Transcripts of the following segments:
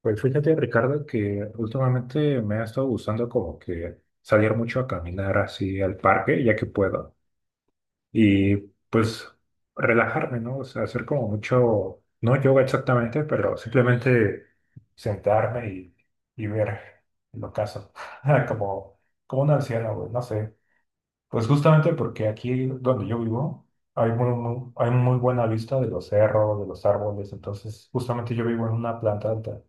Pues fíjate, Ricardo, que últimamente me ha estado gustando como que salir mucho a caminar así al parque, ya que puedo, y pues relajarme, ¿no? O sea, hacer como mucho, no yoga exactamente, pero simplemente sentarme y ver el ocaso, como, como un anciano, güey, no sé. Pues justamente porque aquí donde yo vivo hay hay muy buena vista de los cerros, de los árboles. Entonces justamente yo vivo en una planta alta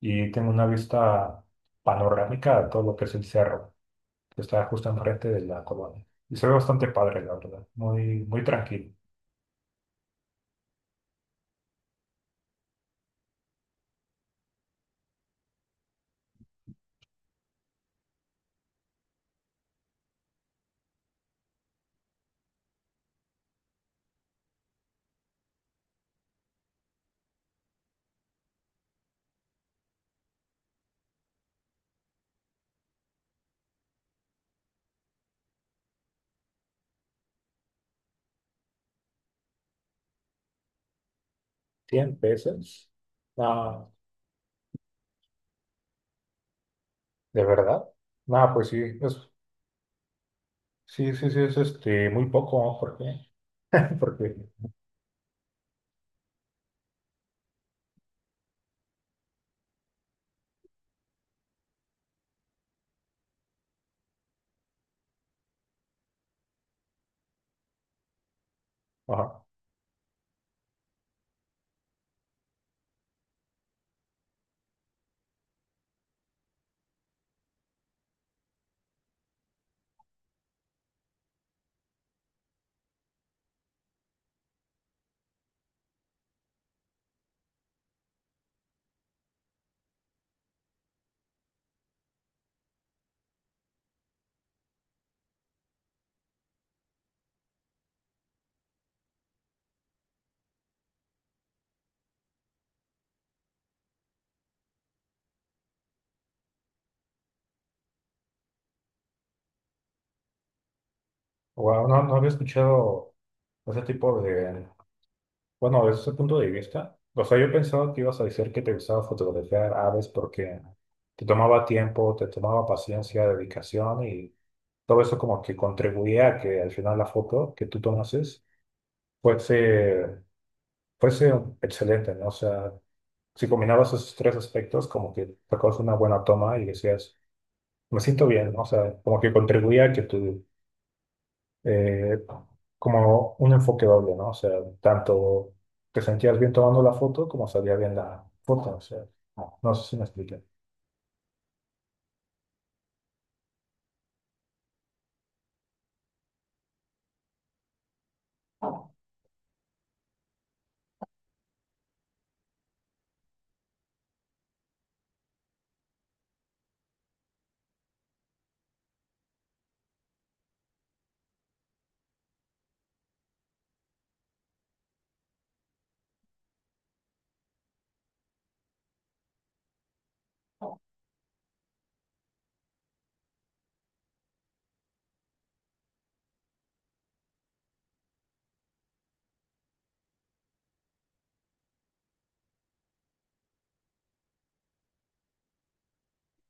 y tengo una vista panorámica de todo lo que es el cerro, que está justo enfrente de la colonia. Y se ve bastante padre, la verdad, muy, muy tranquilo. ¿Cien pesos? Ah, ¿de verdad? Ah, pues sí, es, sí, sí, sí, es muy poco, ¿no? ¿Por qué? Porque, ajá, wow, no, no había escuchado ese tipo de, bueno, desde ese punto de vista. O sea, yo pensaba que ibas a decir que te gustaba fotografiar aves porque te tomaba tiempo, te tomaba paciencia, dedicación, y todo eso como que contribuía a que al final la foto que tú tomases fuese, fuese excelente, ¿no? O sea, si combinabas esos tres aspectos, como que sacabas una buena toma y decías, me siento bien, ¿no? O sea, como que contribuía a que tú, eh, como un enfoque doble, ¿no? O sea, tanto te sentías bien tomando la foto como salía bien la foto. O sea, no, no sé si me expliqué.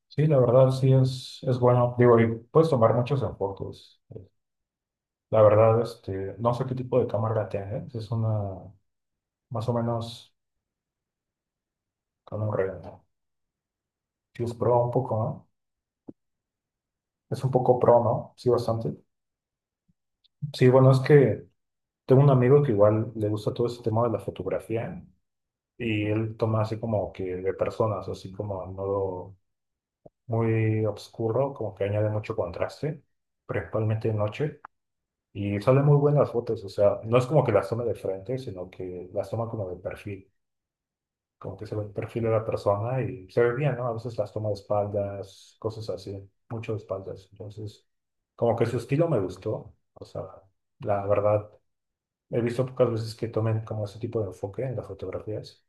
Sí, la verdad sí es bueno. Digo, y puedes tomar muchos enfoques. La verdad, este, no sé qué tipo de cámara tiene, ¿eh? Es una más o menos con un red, ¿no? Sí, es pro un poco, ¿no? Es un poco pro, ¿no? Sí, bastante. Sí, bueno, es que tengo un amigo que igual le gusta todo ese tema de la fotografía, y él toma así como que de personas, así como en modo muy oscuro, como que añade mucho contraste, principalmente de noche, y salen muy buenas fotos. O sea, no es como que las toma de frente, sino que las toma como de perfil. Como que se ve el perfil de la persona y se ve bien, ¿no? A veces las toma de espaldas, cosas así, mucho de espaldas. Entonces, como que su estilo me gustó. O sea, la verdad, he visto pocas veces que tomen como ese tipo de enfoque en las fotografías.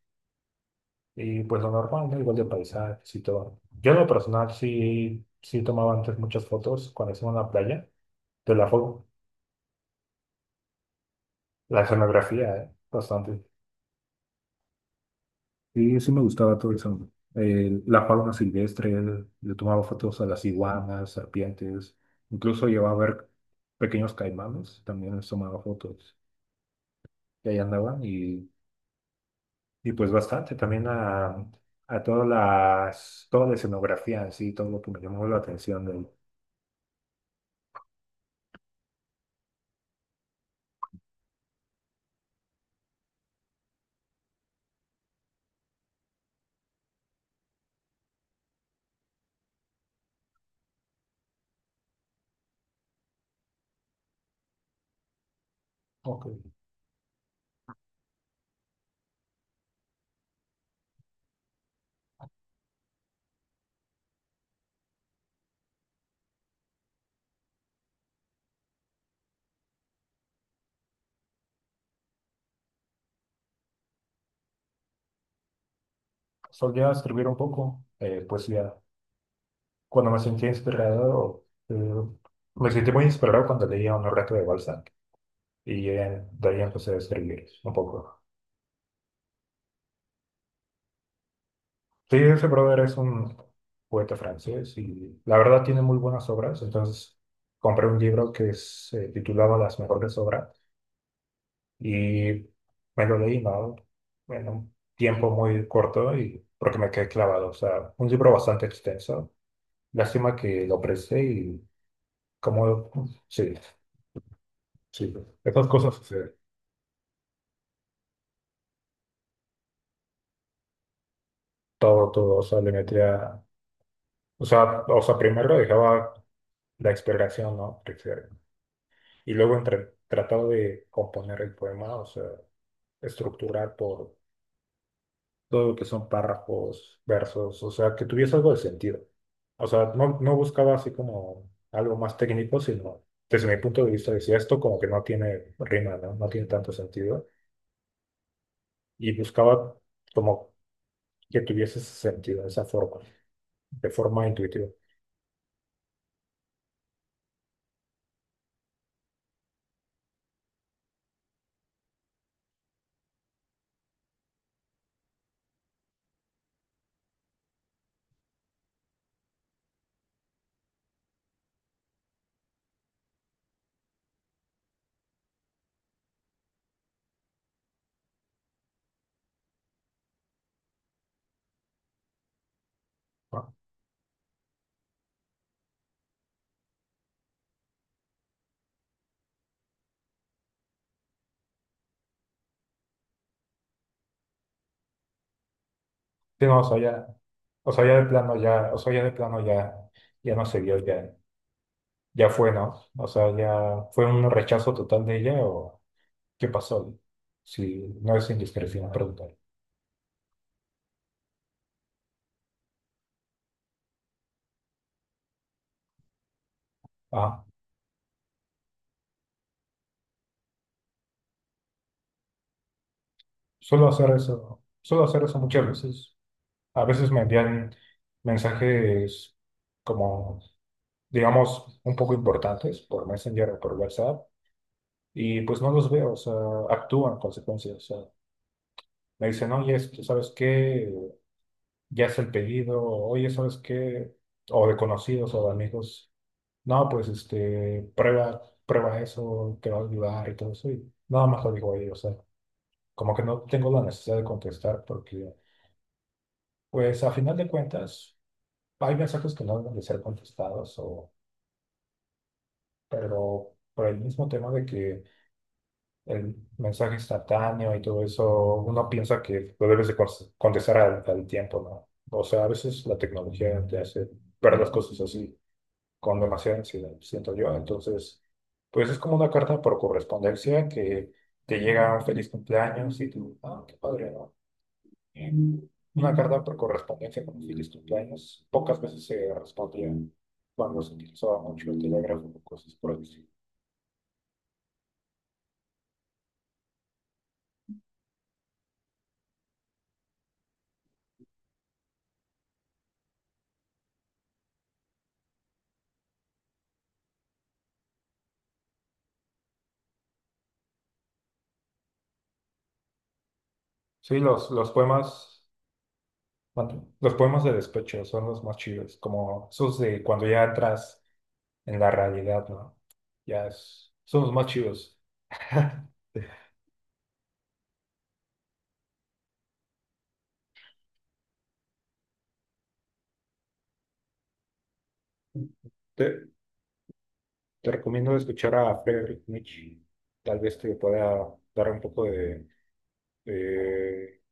Y pues lo normal, ¿no? Igual de paisajes y todo. Yo en lo personal sí, sí tomaba antes muchas fotos cuando hacía una playa, de la, fo- la escenografía, ¿eh? Bastante. Sí, sí me gustaba todo eso. La fauna silvestre, le tomaba fotos a las iguanas, serpientes, incluso llevaba a ver pequeños caimanes, también les tomaba fotos. Y ahí andaban, y pues bastante también a toda la escenografía en sí, todo lo que me llamó la atención de él. Ok, solía escribir un poco, poesía. Cuando me sentía inspirado, me sentí muy inspirado cuando leía un relato de Balzac, y de ahí empecé a escribir un poco. Sí, ese brother es un poeta francés y la verdad tiene muy buenas obras. Entonces compré un libro que se titulaba Las Mejores Obras, y me lo leí, ¿no? En un tiempo muy corto y porque me quedé clavado. O sea, un libro bastante extenso. Lástima que lo presté y como, sí, sí, esas cosas suceden. Todo, todo, o sea, le metía, o sea, primero dejaba la exploración, ¿no? Y luego entre, tratado de componer el poema, o sea, estructurar por todo lo que son párrafos, versos, o sea, que tuviese algo de sentido. O sea, no, no buscaba así como algo más técnico, sino desde mi punto de vista decía esto como que no tiene rima, ¿no? No tiene tanto sentido. Y buscaba como que tuviese ese sentido, esa forma, de forma intuitiva. ¿No? Sí, no, o sea, ya, o sea, ya de plano, ya, ya no se vio ya. Ya fue, ¿no? O sea, ya fue un rechazo total de ella, o qué pasó. Si no es indiscreción preguntar. Ah, suelo hacer eso muchas veces. A veces me envían mensajes como, digamos, un poco importantes por Messenger o por WhatsApp y pues no los veo. O sea, actúan en consecuencia. O sea, me dicen, oye, es que, ¿sabes qué? Ya es el pedido, oye, ¿sabes qué? O de conocidos o de amigos. No, pues este, prueba eso, te va a ayudar y todo eso. Y nada más lo digo ahí. O sea, como que no tengo la necesidad de contestar porque, pues a final de cuentas, hay mensajes que no deben de ser contestados, o, pero por el mismo tema de que el mensaje instantáneo y todo eso, uno piensa que lo debes de contestar al tiempo, ¿no? O sea, a veces la tecnología te hace ver las cosas así, con demasiada ansiedad, siento yo. Entonces, pues es como una carta por correspondencia que te llega un feliz cumpleaños y tú, ah, qué padre, ¿no? Eh, Una carta por correspondencia con un feliz cumpleaños pocas veces se respondía cuando se utilizaba mucho el telégrafo o cosas por el estilo. Sí, los poemas, ¿cuánto? Los poemas de despecho son los más chidos, como esos de cuando ya entras en la realidad, ¿no? Son los más chidos. Te- Te recomiendo escuchar a Friedrich Nietzsche. Tal vez te pueda dar un poco de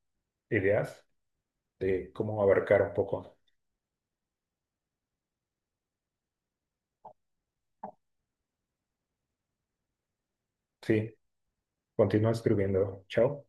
ideas de cómo abarcar un poco. Sí, continúa escribiendo. Chao.